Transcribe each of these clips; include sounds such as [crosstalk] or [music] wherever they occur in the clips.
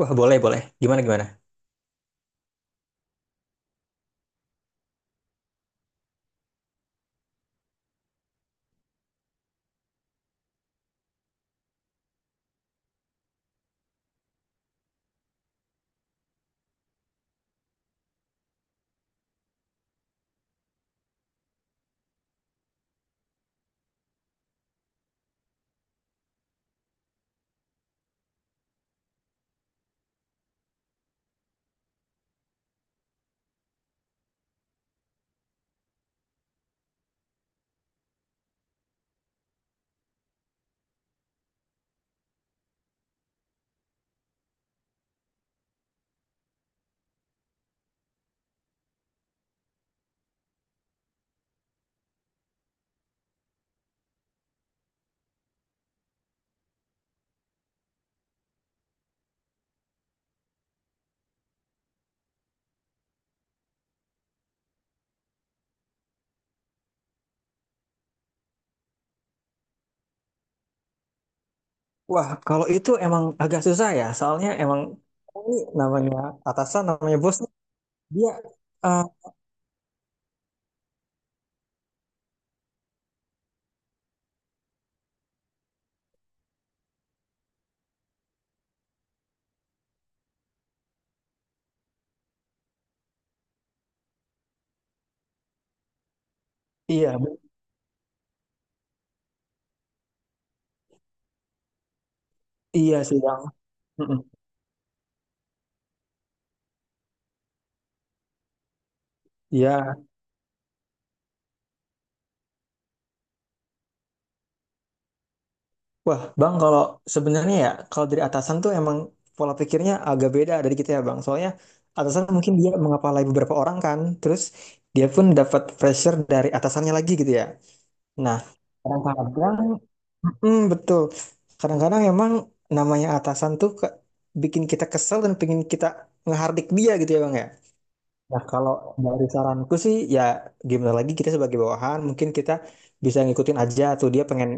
Wah, boleh, boleh. Gimana, gimana? Wah, kalau itu emang agak susah ya, soalnya emang ini namanya atasan, namanya bos, dia, eh, iya, iya sih bang. Mm-mm. Iya. Wah, bang, kalau sebenarnya ya, kalau dari atasan tuh emang pola pikirnya agak beda dari kita ya bang. Soalnya atasan mungkin dia mengepalai beberapa orang kan, terus dia pun dapat pressure dari atasannya lagi gitu ya. Nah, kadang-kadang, betul. Kadang-kadang emang namanya atasan tuh bikin kita kesel dan pengen kita ngehardik dia gitu ya bang ya. Nah kalau dari saranku sih ya, gimana lagi kita sebagai bawahan mungkin kita bisa ngikutin aja tuh dia pengen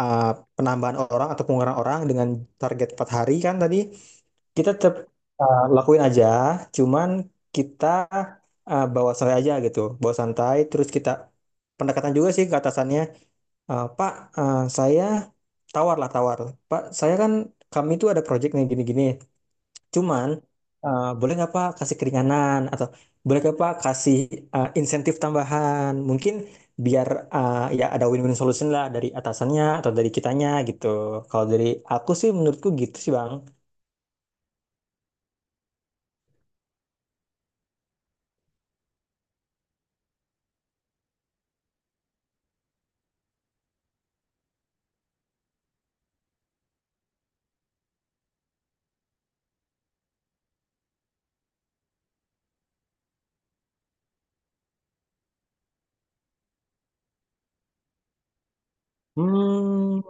uh, penambahan orang atau pengurangan orang dengan target 4 hari kan tadi, kita tetap lakuin aja, cuman kita bawa santai aja gitu, bawa santai, terus kita pendekatan juga sih ke atasannya. Pak, saya tawar lah tawar. Pak, saya kan, kami itu ada project nih gini-gini. Cuman boleh nggak Pak kasih keringanan atau boleh nggak Pak kasih insentif tambahan? Mungkin biar ya ada win-win solution lah dari atasannya atau dari kitanya gitu. Kalau dari aku sih, menurutku gitu sih Bang. Hmm.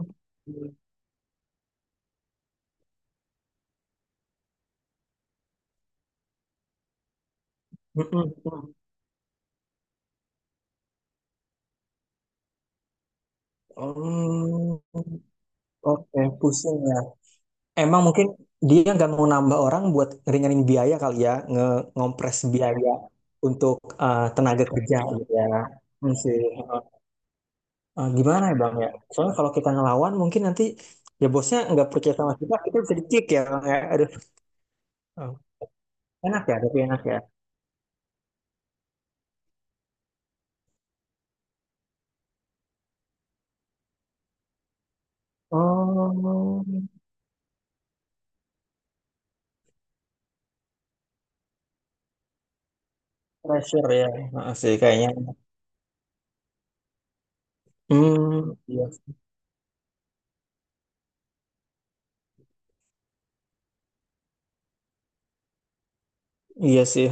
Mm-mm. Hmm. Oke, pusing ya. Emang mungkin dia nggak mau nambah orang buat ngeringanin biaya kali ya, ngompres biaya untuk tenaga kerja gitu ya. Hmm, sih. Gimana ya Bang ya? Soalnya kalau kita ngelawan mungkin nanti ya bosnya nggak percaya sama kita, kita bisa dicik ya Bang ya. Aduh. Oh, enak ya, tapi enak ya. Oh, pressure ya. Heeh sih kayaknya. Hmm, iya, iya sih.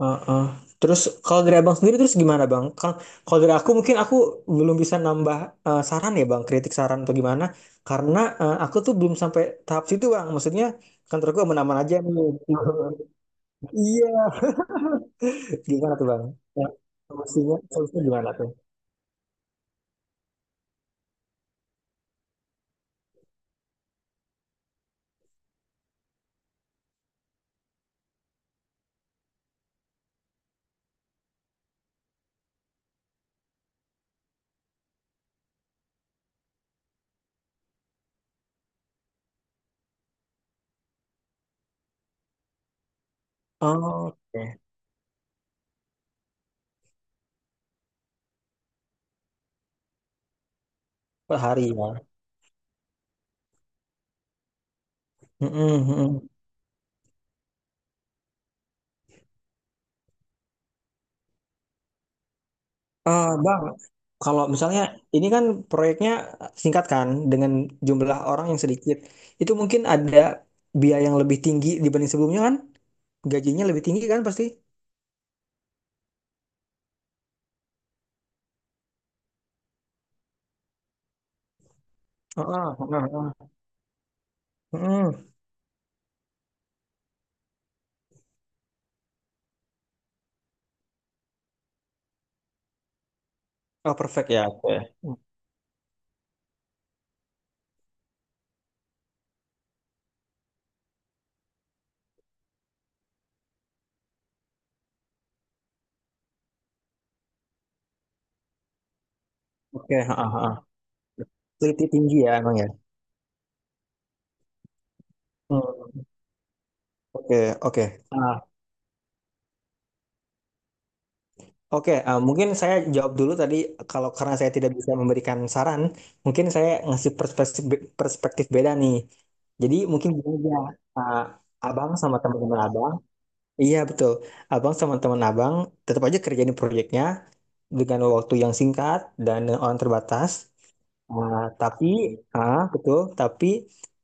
Heeh. Terus kalau dari abang sendiri, terus gimana bang? Kalau kalau dari aku mungkin aku belum bisa nambah saran ya bang, kritik saran atau gimana? Karena aku tuh belum sampai tahap situ bang. Maksudnya kantorku aman-aman aja nih. [laughs] Iya. Gimana tuh bang? Ya, solusinya solusinya gimana tuh? Oh, oke. Per hari ya. Mm-mm, mm-mm. Ah, bang, kalau misalnya ini kan proyeknya singkat kan dengan jumlah orang yang sedikit, itu mungkin ada biaya yang lebih tinggi dibanding sebelumnya kan? Gajinya lebih tinggi kan pasti? Heeh, heeh, heeh. Mm. Oh, perfect ya. Oke. Oke, heeh, heeh. Teliti tinggi ya emang ya. Hmm. Oke, oke. Ah, oke, ah, mungkin saya jawab dulu tadi, kalau karena saya tidak bisa memberikan saran, mungkin saya ngasih perspektif perspektif beda nih. Jadi mungkin gini aja, ah, abang sama teman-teman abang, iya betul, abang sama teman abang tetap aja kerjain proyeknya, dengan waktu yang singkat dan orang terbatas. Nah, tapi, ah, betul, tapi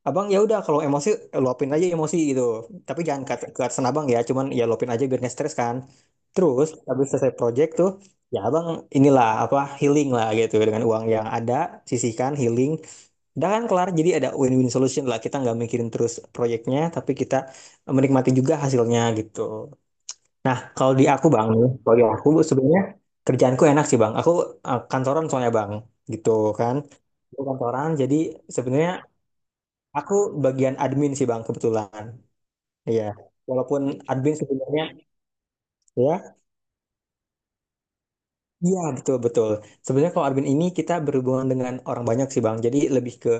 Abang ya udah kalau emosi luapin aja emosi gitu. Tapi jangan ke atasan Abang ya, cuman ya luapin aja biar nggak stres kan. Terus habis selesai project tuh, ya Abang inilah apa healing lah gitu, dengan uang yang ada sisihkan healing. Udah kan kelar, jadi ada win-win solution lah. Kita nggak mikirin terus proyeknya, tapi kita menikmati juga hasilnya gitu. Nah, kalau di aku bang, kalau di aku sebenarnya kerjaanku enak sih bang. Aku kantoran soalnya bang, gitu kan. Aku kantoran, jadi sebenarnya aku bagian admin sih bang kebetulan. Iya. Walaupun admin sebenarnya, ya, iya betul betul. Sebenarnya kalau admin ini kita berhubungan dengan orang banyak sih bang. Jadi lebih ke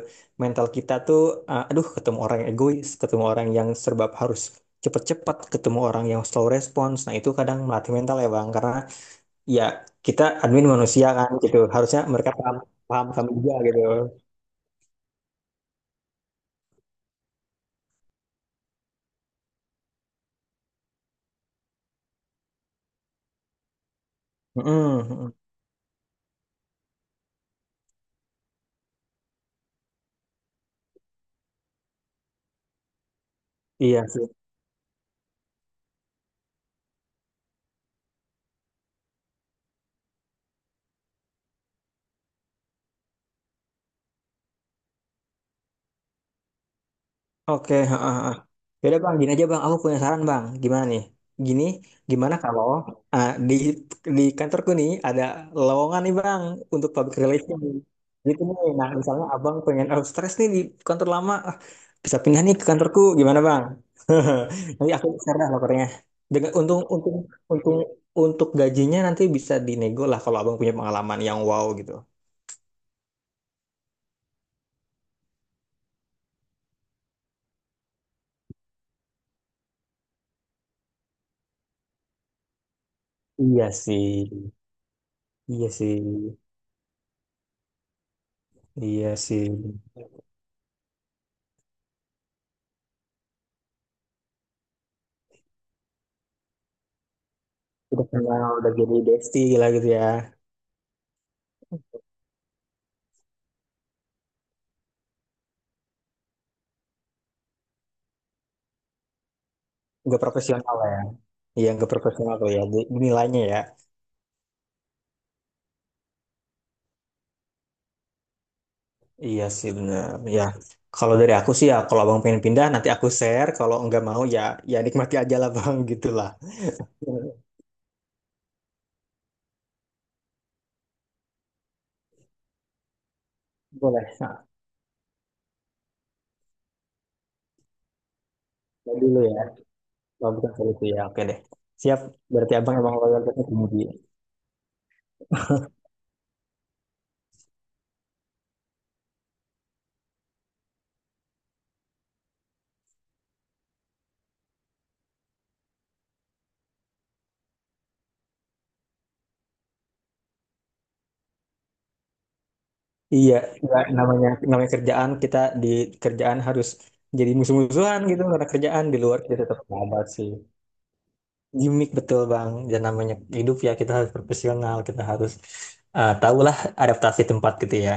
mental kita tuh, aduh, ketemu orang yang egois, ketemu orang yang serba harus cepat-cepat, ketemu orang yang slow response. Nah itu kadang melatih mental ya bang, karena ya kita admin manusia kan gitu, harusnya mereka paham, paham kami juga gitu. Mm-mm, mm-mm. Iya sih, oke. Ha, ha. Yaudah bang, gini aja bang, aku punya saran bang, gimana nih, gini. Gimana kalau ah, di di kantorku nih ada lowongan nih bang untuk public relation gitu nih? Nah misalnya abang pengen out stress nih di kantor lama, bisa pindah nih ke kantorku, gimana Bang? [laughs] Nanti aku share dah laporannya. Dengan untung untung untung untuk gajinya nanti bisa dinego lah kalau Abang punya pengalaman yang wow gitu. Iya sih, iya sih, iya sih. Udah kenal, udah jadi bestie gila gitu ya. Nggak profesional lah ya. Iya, nggak profesional tuh ya. Nilainya ya. Iya sih bener. Ya, kalau dari aku sih ya, kalau abang pengen pindah nanti aku share. Kalau nggak mau ya, ya nikmati aja lah bang, gitu lah. Boleh. Nah, ya dulu ya. Oh, bukan solusi ya. Oke deh. Siap. Berarti abang emang loyalitasnya tinggi. Iya, nggak, namanya namanya kerjaan kita, di kerjaan harus jadi musuh-musuhan gitu karena kerjaan di luar kita tetap sahabat sih. Gimik betul bang. Dan namanya hidup ya kita harus profesional. Kita harus tahulah adaptasi tempat gitu ya.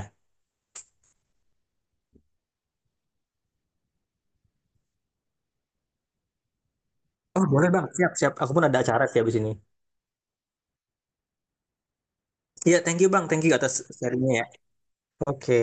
Oh boleh bang. Siap siap. Aku pun ada acara sih habis ini. Iya, thank you bang. Thank you atas sharingnya ya. Oke.